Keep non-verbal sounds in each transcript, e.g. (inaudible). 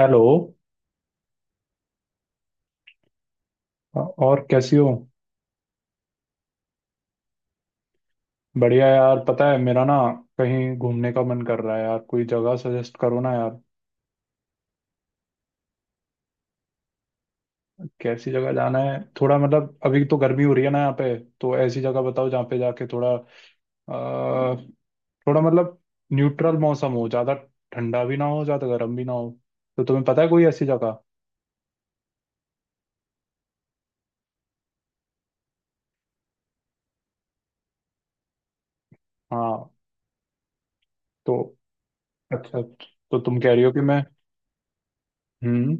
Hello. और कैसी हो? बढ़िया यार, पता है मेरा ना, कहीं घूमने का मन कर रहा है यार। कोई जगह सजेस्ट करो ना यार। कैसी जगह जाना है? थोड़ा, मतलब अभी तो गर्मी हो रही है ना यहाँ पे। तो ऐसी जगह बताओ जहाँ पे जाके थोड़ा, आ, थोड़ा, मतलब न्यूट्रल मौसम हो ज़्यादा। ठंडा भी ना हो, ज़्यादा गर्म भी ना हो। तो तुम्हें पता है कोई ऐसी जगह? हाँ। तो अच्छा, तो तुम कह रही हो कि मैं। हम्म।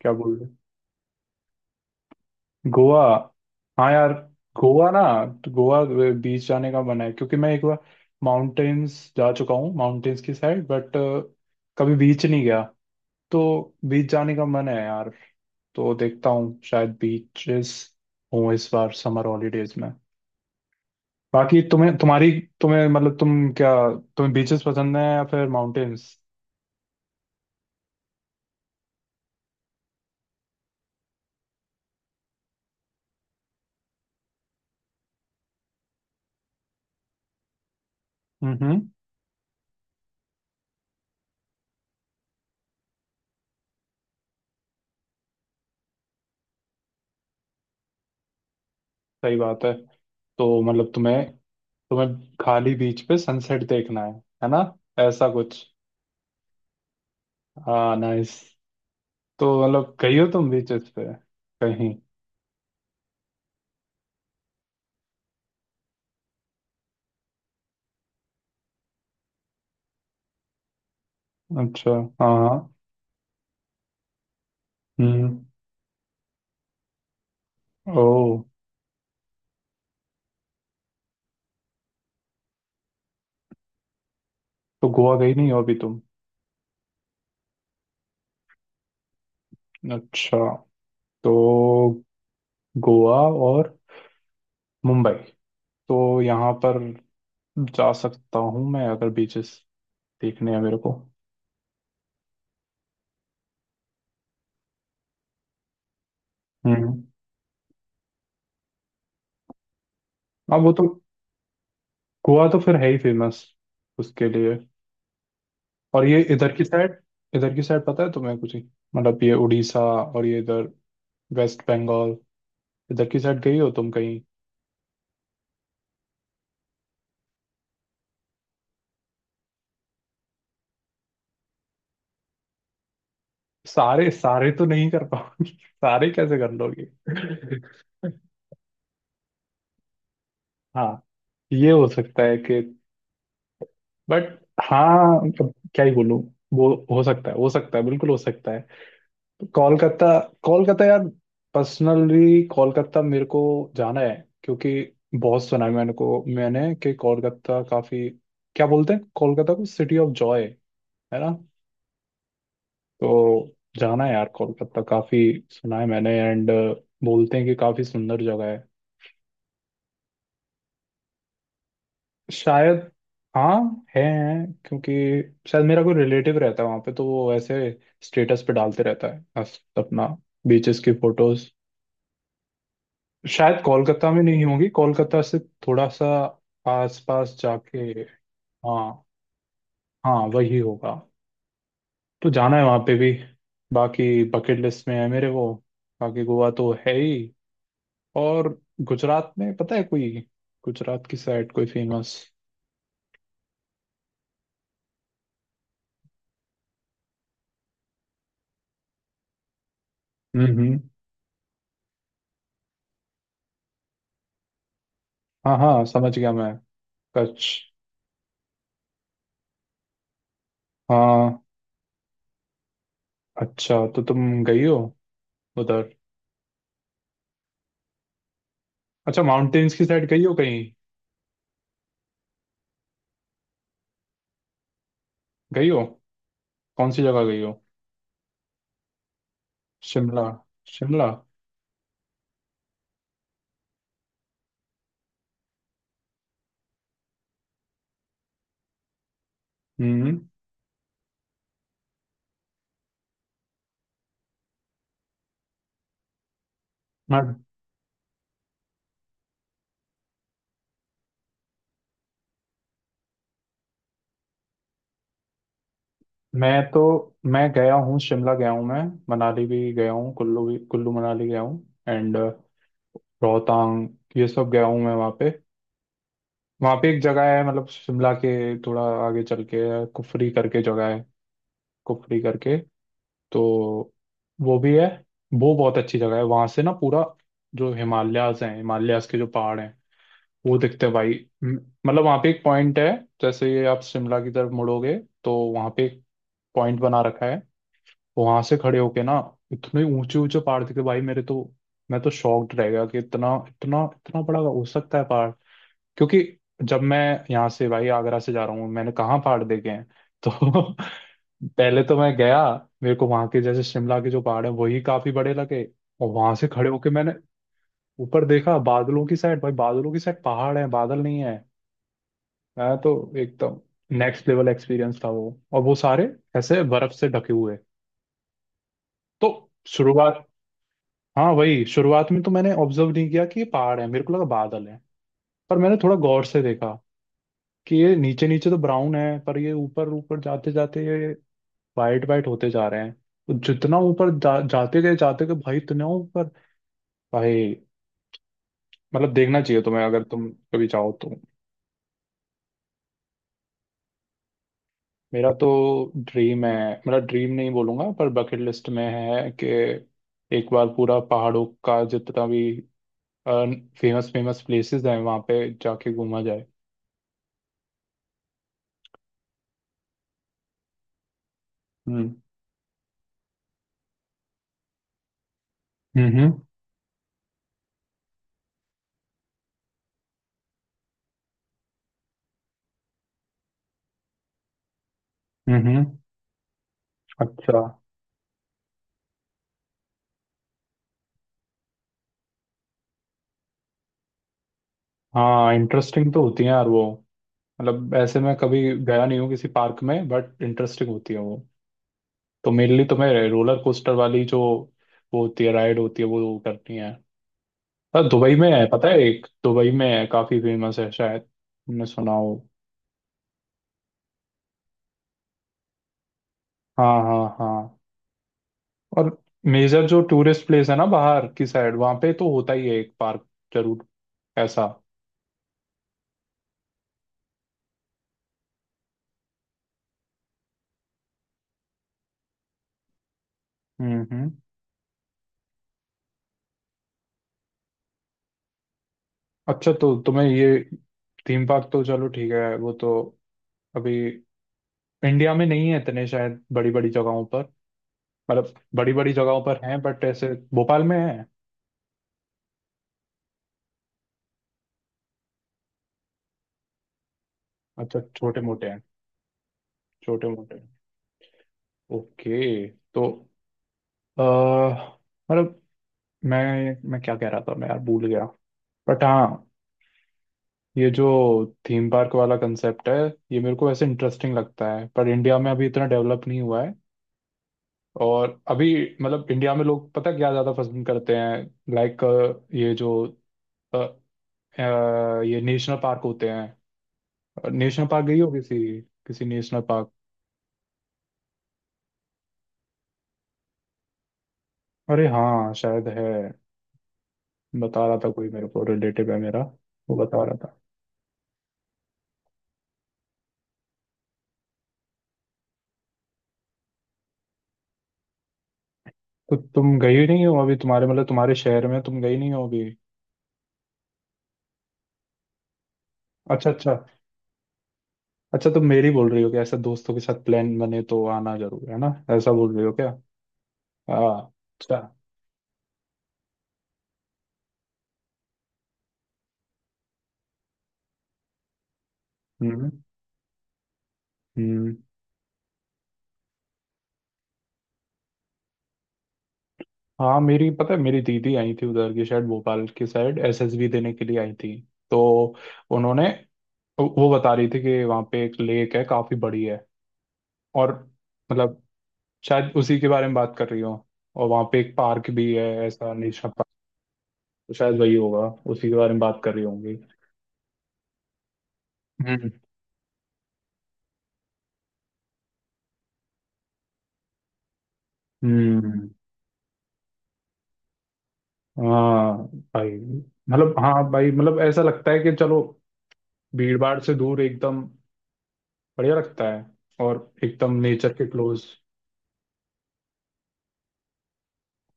क्या बोल रहे हो? गोवा? हाँ यार। गोवा ना, तो गोवा। बीच जाने का मन है, क्योंकि मैं एक बार माउंटेन्स जा चुका हूँ, माउंटेन्स की साइड, बट कभी बीच नहीं गया। तो बीच जाने का मन है यार। तो देखता हूँ शायद बीचेस हूँ इस बार समर हॉलीडेज में। बाकी तुम्हें तुम्हारी, तुम्हें मतलब तुम क्या, तुम्हें बीचेस पसंद है या फिर माउंटेन्स? हम्म। सही बात है। तो मतलब तुम्हें, तुम्हें खाली बीच पे सनसेट देखना है ना, ऐसा कुछ। हाँ, नाइस। तो मतलब गई हो तुम बीचेस पे कहीं? अच्छा। हाँ हाँ। हम्म। ओ। तो गोवा गई नहीं हो अभी तुम? अच्छा। तो गोवा और मुंबई, तो यहाँ पर जा सकता हूँ मैं अगर बीचेस देखने हैं मेरे को। हम्म। अब वो तो, गोवा तो फिर है ही फेमस उसके लिए। और ये इधर की साइड, इधर की साइड पता है तुम्हें कुछ ही? मतलब ये उड़ीसा और ये इधर, वेस्ट बंगाल, इधर की साइड गई हो तुम कहीं? सारे सारे तो नहीं कर पाओगे (laughs) सारे कैसे कर लोगे? (laughs) हाँ, ये हो सकता है कि, बट हाँ, अब क्या ही बोलूं। वो हो सकता है, हो सकता है, बिल्कुल हो सकता है। कोलकाता, कोलकाता यार। पर्सनली कोलकाता मेरे को जाना है। क्योंकि बहुत सुना है मैंने कि कोलकाता काफी, क्या बोलते हैं, कोलकाता को सिटी ऑफ जॉय, है ना। तो जाना है यार कोलकाता। काफी सुना है मैंने, एंड बोलते हैं कि काफी सुंदर जगह है। शायद। हाँ है, हैं, क्योंकि शायद मेरा कोई रिलेटिव रहता है वहाँ पे, तो वो ऐसे स्टेटस पे डालते रहता है अपना, बीचेस की फोटोज। शायद कोलकाता में नहीं होंगी, कोलकाता से थोड़ा सा आसपास जाके। हाँ, हाँ वही होगा। तो जाना है वहाँ पे भी। बाकी बकेट लिस्ट में है मेरे वो। बाकी गोवा तो है ही, और गुजरात में पता है कोई, गुजरात की साइड कोई फेमस? हम्म। हाँ हाँ, समझ गया मैं। कच्छ। हाँ। अच्छा, तो तुम गई हो उधर? अच्छा, माउंटेन्स की साइड गई हो कहीं? गई हो? कौन सी जगह गई हो? शिमला? शिमला? हम्म। मैं मैं तो, मैं गया हूँ, शिमला गया हूँ मैं। मनाली भी गया हूँ, कुल्लू भी, कुल्लू मनाली गया हूँ, एंड रोहतांग, ये सब गया हूँ मैं वहाँ पे। वहाँ पे एक जगह है, मतलब शिमला के थोड़ा आगे चल के है, कुफरी करके जगह है, कुफरी करके, तो वो भी है। वो बहुत अच्छी जगह है, वहां से ना पूरा जो हिमालयाज हैं, हिमालयाज के जो पहाड़ हैं वो दिखते हैं भाई। म- मतलब वहां पे एक पॉइंट है, जैसे ये आप शिमला की तरफ मुड़ोगे तो वहां पे एक पॉइंट बना रखा है। वहां से खड़े होके ना इतने ऊंचे ऊंचे पहाड़ दिखे भाई मेरे तो। मैं तो शॉक्ड रह गया कि इतना इतना इतना बड़ा हो सकता है पहाड़। क्योंकि जब मैं यहाँ से, भाई आगरा से जा रहा हूँ, मैंने कहाँ पहाड़ देखे हैं। तो (laughs) पहले तो मैं गया, मेरे को वहां के, जैसे शिमला के जो पहाड़ है, वही काफी बड़े लगे। और वहां से खड़े होके मैंने ऊपर देखा बादलों की साइड, भाई बादलों की साइड पहाड़ है, बादल नहीं है। मैं तो एकदम नेक्स्ट लेवल एक्सपीरियंस था वो। और वो सारे ऐसे बर्फ से ढके हुए। तो शुरुआत, हाँ वही, शुरुआत में तो मैंने ऑब्जर्व नहीं किया कि ये पहाड़ है, मेरे को लगा बादल है। पर मैंने थोड़ा गौर से देखा कि ये नीचे नीचे तो ब्राउन है, पर ये ऊपर ऊपर जाते जाते ये वाइट वाइट होते जा रहे हैं। तो जितना ऊपर जाते गए भाई इतना ऊपर। भाई मतलब देखना चाहिए तुम्हें, अगर तुम कभी चाहो तो। मेरा तो ड्रीम है, मेरा ड्रीम नहीं बोलूंगा, पर बकेट लिस्ट में है कि एक बार पूरा पहाड़ों का जितना भी फेमस फेमस प्लेसेस हैं वहाँ पे जाके घूमा जाए। हम्म हम्म। हम्म हम्म, अच्छा। हाँ इंटरेस्टिंग तो होती है यार वो। मतलब ऐसे मैं कभी गया नहीं हूँ किसी पार्क में, बट इंटरेस्टिंग होती है वो। तो मेनली तो मैं रोलर कोस्टर वाली जो वो होती है, राइड होती है, वो करनी है। हाँ, दुबई में है, पता है एक, दुबई में है काफी फेमस है, शायद तुमने सुना हो। हाँ हाँ हाँ। और मेजर जो टूरिस्ट प्लेस है ना, बाहर की साइड, वहाँ पे तो होता ही है एक पार्क जरूर, ऐसा। हम्म। अच्छा, तो तुम्हें ये थीम पार्क, तो चलो ठीक है, वो तो अभी इंडिया में नहीं है इतने, शायद बड़ी बड़ी जगहों पर, मतलब बड़ी बड़ी जगहों पर हैं बट ऐसे। भोपाल में है? अच्छा, छोटे मोटे हैं। छोटे मोटे हैं। ओके। तो अ, मतलब मैं क्या कह रहा था मैं, यार भूल गया, बट हाँ, ये जो थीम पार्क वाला कंसेप्ट है, ये मेरे को वैसे इंटरेस्टिंग लगता है, पर इंडिया में अभी इतना डेवलप नहीं हुआ है। और अभी मतलब इंडिया में लोग पता क्या ज़्यादा पसंद करते हैं, लाइक ये जो अ, ये नेशनल पार्क होते हैं। नेशनल पार्क गई हो किसी, किसी नेशनल पार्क? अरे हाँ शायद है, बता रहा था कोई, मेरे को रिलेटिव है मेरा, वो बता रहा था। तो तुम गई नहीं हो अभी तुम्हारे, मतलब तुम्हारे शहर में तुम गई नहीं हो अभी? अच्छा अच्छा। अच्छा, तुम मेरी बोल रही हो कि ऐसा दोस्तों के साथ प्लान बने तो आना जरूर है ना, ऐसा बोल रही हो क्या? हाँ, अच्छा। हम्म हम्म। हाँ मेरी, पता है मेरी दीदी आई थी उधर की, शायद भोपाल की साइड एसएसबी देने के लिए आई थी। तो उन्होंने, वो बता रही थी कि वहाँ पे एक लेक है काफी बड़ी है, और मतलब शायद उसी के बारे में बात कर रही हूँ, और वहाँ पे एक पार्क भी है ऐसा, नेशनल पार्क। तो शायद वही होगा, उसी के बारे में बात कर रही होंगी। हम्म हम्म। हाँ भाई, मतलब हाँ भाई, मतलब ऐसा लगता है कि चलो भीड़ भाड़ से दूर, एकदम बढ़िया लगता है। और एकदम नेचर के क्लोज।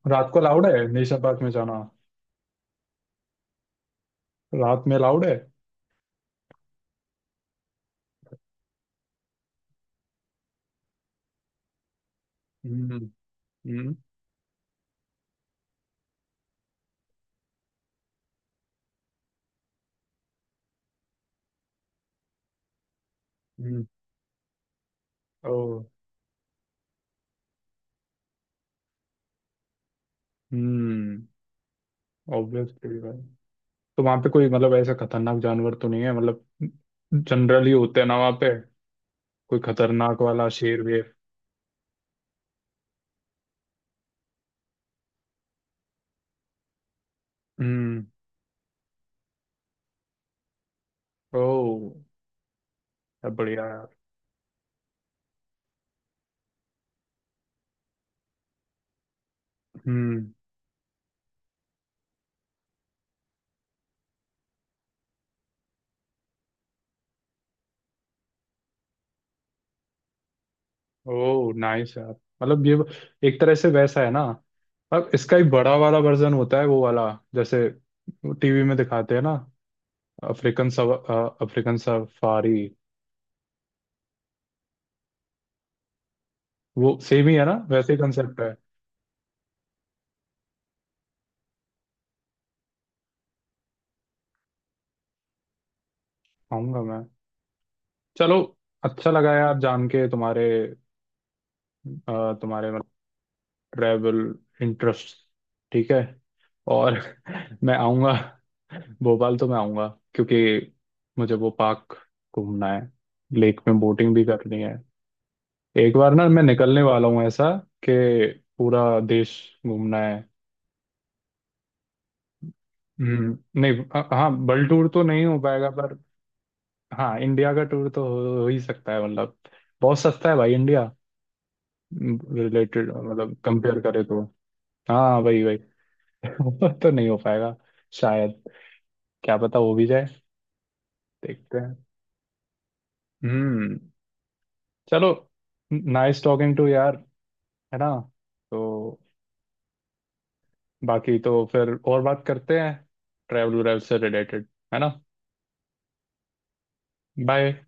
रात को अलाउड है नेशनल पार्क में जाना? रात में अलाउड है? हम्म हम्म। हम्म। ओ। हम्म। ऑब्वियसली भाई। तो वहां पे कोई मतलब ऐसा खतरनाक जानवर तो नहीं है मतलब, जनरली होते हैं ना वहां पे, कोई खतरनाक वाला शेर वेर? हम्म। ओ। सब बढ़िया यार। हम्म। ओ नाइस यार। मतलब ये एक तरह से वैसा है ना, अब इसका एक बड़ा वाला वर्जन होता है वो वाला, जैसे टीवी में दिखाते हैं ना, अफ्रीकन सव, अफ्रीकन सफारी, वो सेम ही है ना, वैसे ही कंसेप्ट है। आऊंगा मैं, चलो। अच्छा लगा यार जान के तुम्हारे, तुम्हारे ट्रैवल इंटरेस्ट। ठीक है। और (laughs) मैं आऊँगा, भोपाल तो मैं आऊँगा, क्योंकि मुझे वो पार्क घूमना है, लेक में बोटिंग भी करनी है। एक बार ना मैं निकलने वाला हूँ ऐसा कि पूरा देश घूमना है। नहीं हाँ, वर्ल्ड टूर तो नहीं हो पाएगा पर, हाँ इंडिया का टूर तो हो ही सकता है, मतलब बहुत सस्ता है भाई इंडिया रिलेटेड, मतलब कंपेयर करे तो। हाँ वही वही। (laughs) वो तो नहीं हो पाएगा शायद, क्या पता हो भी जाए। देखते हैं। हम्म। चलो। नाइस टॉकिंग टू यार, है ना। तो बाकी तो फिर और बात करते हैं, ट्रैवल वैवल से रिलेटेड, है ना। बाय।